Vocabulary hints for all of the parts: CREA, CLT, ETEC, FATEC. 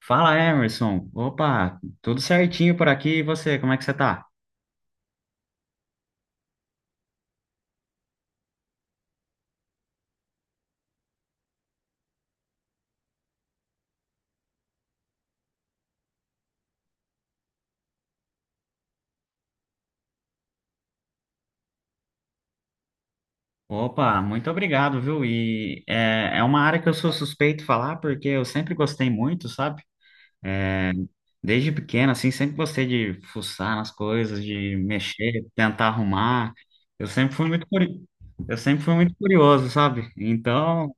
Fala, Emerson. Opa, tudo certinho por aqui. E você, como é que você tá? Opa, muito obrigado, viu? É uma área que eu sou suspeito falar, porque eu sempre gostei muito, sabe? Desde pequeno, assim, sempre gostei de fuçar nas coisas, de mexer, tentar arrumar. Eu sempre fui muito curi... eu sempre fui muito curioso, sabe? Então,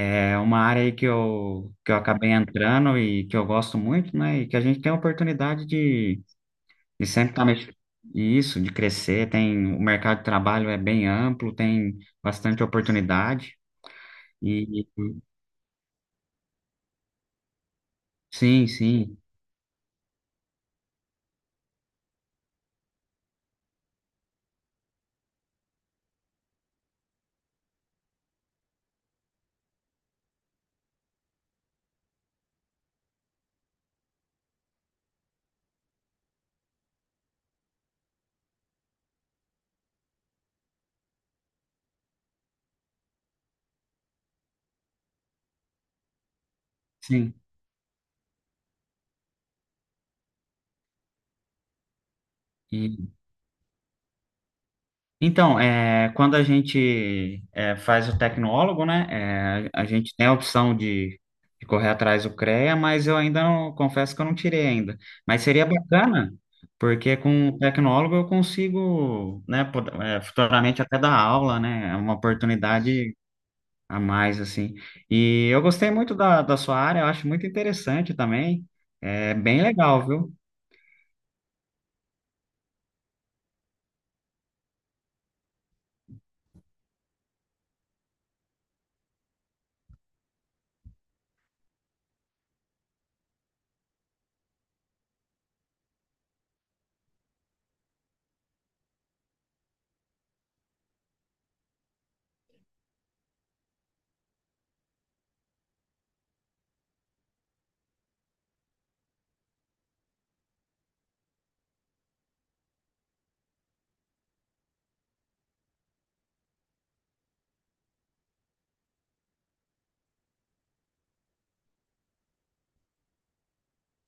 é uma área aí que eu acabei entrando e que eu gosto muito, né? E que a gente tem a oportunidade e sempre tá mexendo. Isso, de crescer, tem o mercado de trabalho é bem amplo, tem bastante oportunidade. E e- sim, sim, sim. E, então, quando a gente faz o tecnólogo, né? A gente tem a opção de correr atrás do CREA, mas eu ainda não, confesso que eu não tirei ainda. Mas seria bacana, porque com o tecnólogo eu consigo, né, futuramente até dar aula, né? É uma oportunidade a mais, assim. E eu gostei muito da sua área, eu acho muito interessante também. É bem legal, viu?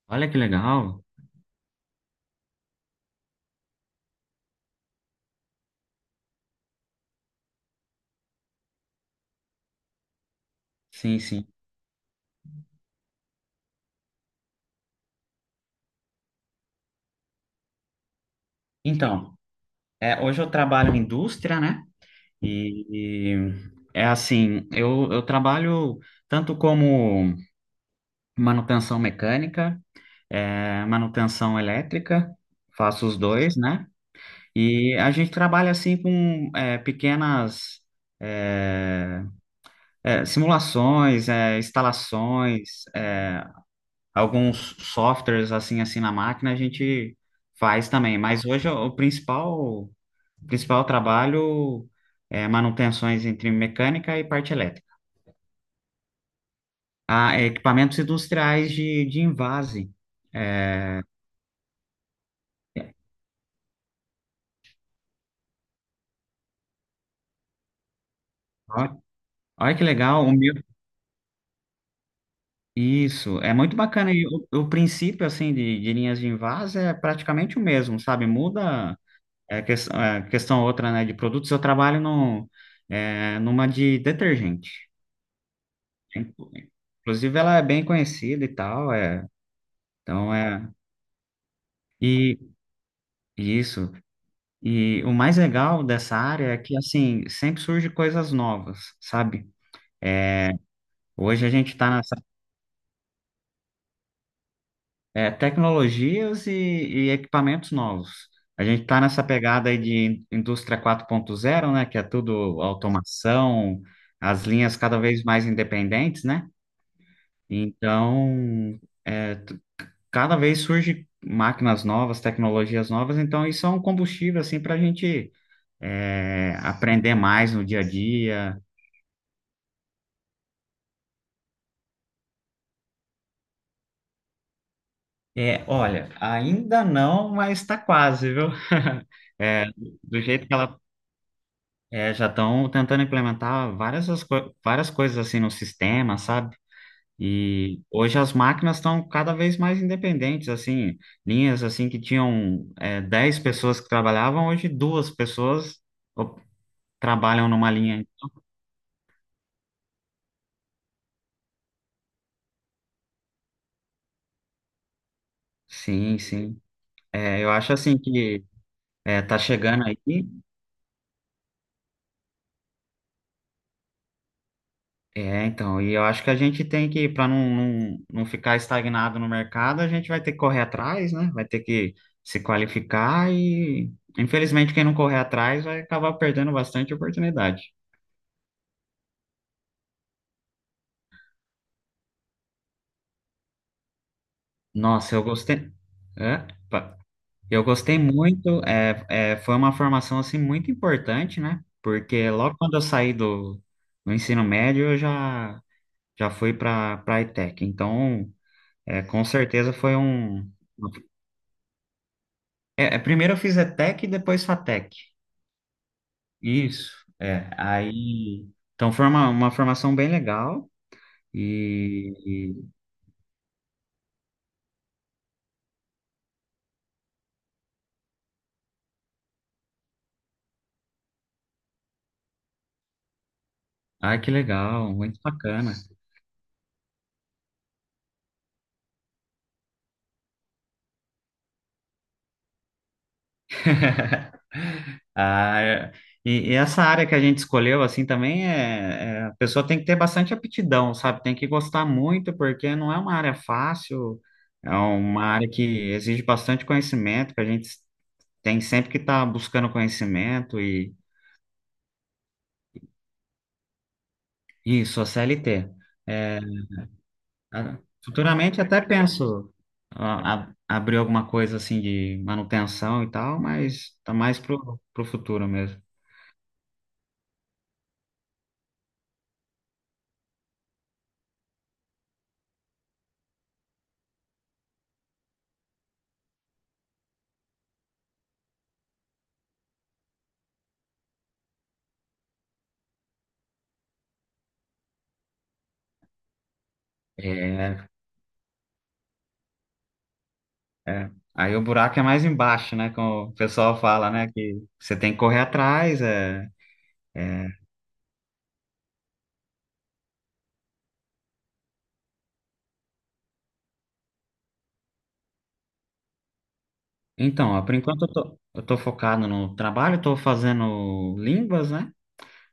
Olha que legal. Sim, sim. Então, hoje eu trabalho em indústria, né? E, e É assim, eu trabalho tanto como manutenção mecânica, manutenção elétrica, faço os dois, né? E a gente trabalha assim com pequenas. é, Simulações, instalações, alguns softwares assim na máquina a gente faz também. Mas hoje o principal trabalho é manutenções entre mecânica e parte elétrica. Ah, é, equipamentos industriais de envase. Ó- Olha que legal, o meu. Isso, é muito bacana. E o princípio, assim, de linhas de invase é praticamente o mesmo, sabe? Muda. É questão outra, né, de produtos, eu trabalho no, é, numa de detergente. Inclusive, ela é bem conhecida e tal, então é... E isso, e o mais legal dessa área é que, assim, sempre surge coisas novas, sabe? É, hoje a gente está nessa tecnologias e equipamentos novos. A gente está nessa pegada aí de indústria quatro ponto zero, né, que é tudo automação, as linhas cada vez mais independentes, né? Então, é, t- cada vez surge máquinas novas, tecnologias novas, então isso é um combustível assim para a gente aprender mais no dia a dia. É, olha, ainda não, mas está quase, viu? É, do jeito que ela é, já estão tentando implementar várias, várias coisas assim no sistema, sabe? E hoje as máquinas estão cada vez mais independentes, assim, linhas assim que tinham 10 pessoas que trabalhavam, hoje duas pessoas o- trabalham numa linha. Sim, sim. É, eu acho assim que tá chegando aí. É, então, e eu acho que a gente tem que, para não ficar estagnado no mercado, a gente vai ter que correr atrás, né? Vai ter que se qualificar e, infelizmente, quem não correr atrás vai acabar perdendo bastante oportunidade. Nossa, eu gostei. É? Eu gostei muito, foi uma formação assim muito importante, né? Porque logo quando eu saí do ensino médio, já fui para a ETEC. Então, é, com certeza foi um. É, é, primeiro eu fiz ETEC e depois FATEC. Isso, é. Aí. Então, foi uma formação bem legal. E. Ai, que legal, muito bacana. Ah, é- e, e essa área que a gente escolheu, assim, também a pessoa tem que ter bastante aptidão, sabe? Tem que gostar muito, porque não é uma área fácil, é uma área que exige bastante conhecimento, que a gente tem sempre que estar buscando conhecimento e isso, a CLT. É, a- futuramente até penso abrir alguma coisa assim de manutenção e tal, mas tá mais pro futuro mesmo. É, é. Aí o buraco é mais embaixo, né? Como o pessoal fala, né? Que você tem que correr atrás. É, é. Então, ó, por enquanto eu tô focado no trabalho, tô fazendo línguas, né?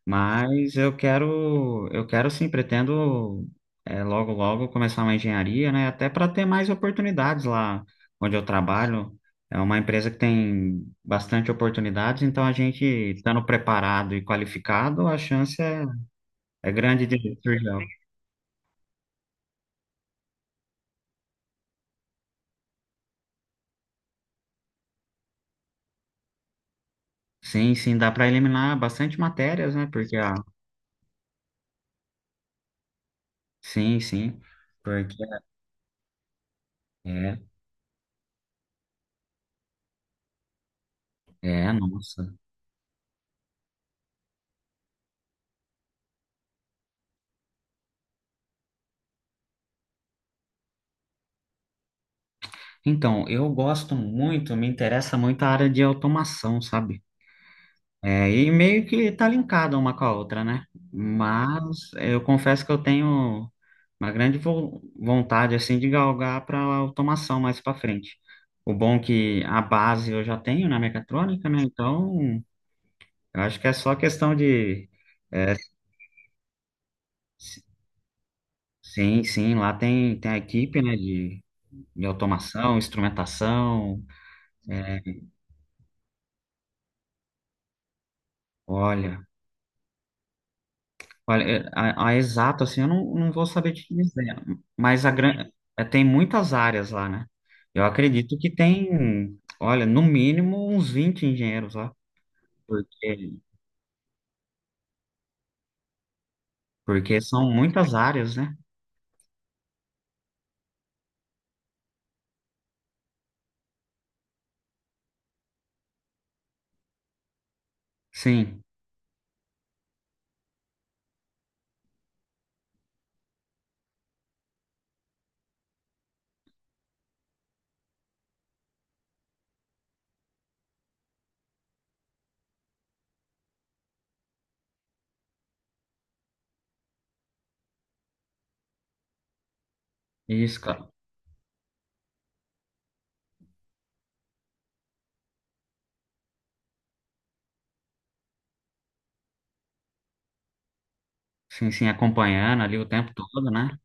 Mas eu quero sim, pretendo logo, logo começar uma engenharia, né? Até para ter mais oportunidades lá onde eu trabalho. É uma empresa que tem bastante oportunidades, então a gente estando preparado e qualificado, a chance é, é grande de surgir. Sim, sim, dá para eliminar bastante matérias, né? Porque a. Sim, sim. Porque é, Nossa. Então, eu gosto muito, me interessa muito a área de automação, sabe? É, e meio que tá linkada uma com a outra, né? Mas eu confesso que eu tenho uma grande vontade, assim, de galgar para automação mais para frente. O bom é que a base eu já tenho na mecatrônica, né? Então, eu acho que é só questão de é, sim, sim, lá tem, tem a equipe, né, de automação, instrumentação, é, olha, olha, é, a exato, assim, eu não, não vou saber te dizer, mas tem muitas áreas lá, né, eu acredito que tem, olha, no mínimo uns 20 engenheiros lá, porque, porque são muitas áreas, né, sim, isso, cara, sim, sim, acompanhando ali o tempo todo, né,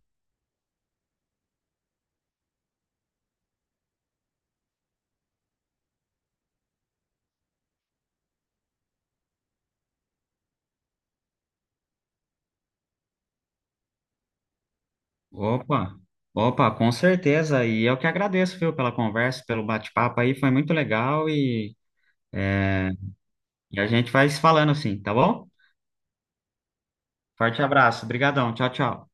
opa, opa, com certeza. E eu que agradeço, viu, pela conversa, pelo bate-papo aí, foi muito legal e, é, e a gente vai se falando assim, tá bom? Forte abraço, brigadão, tchau, tchau.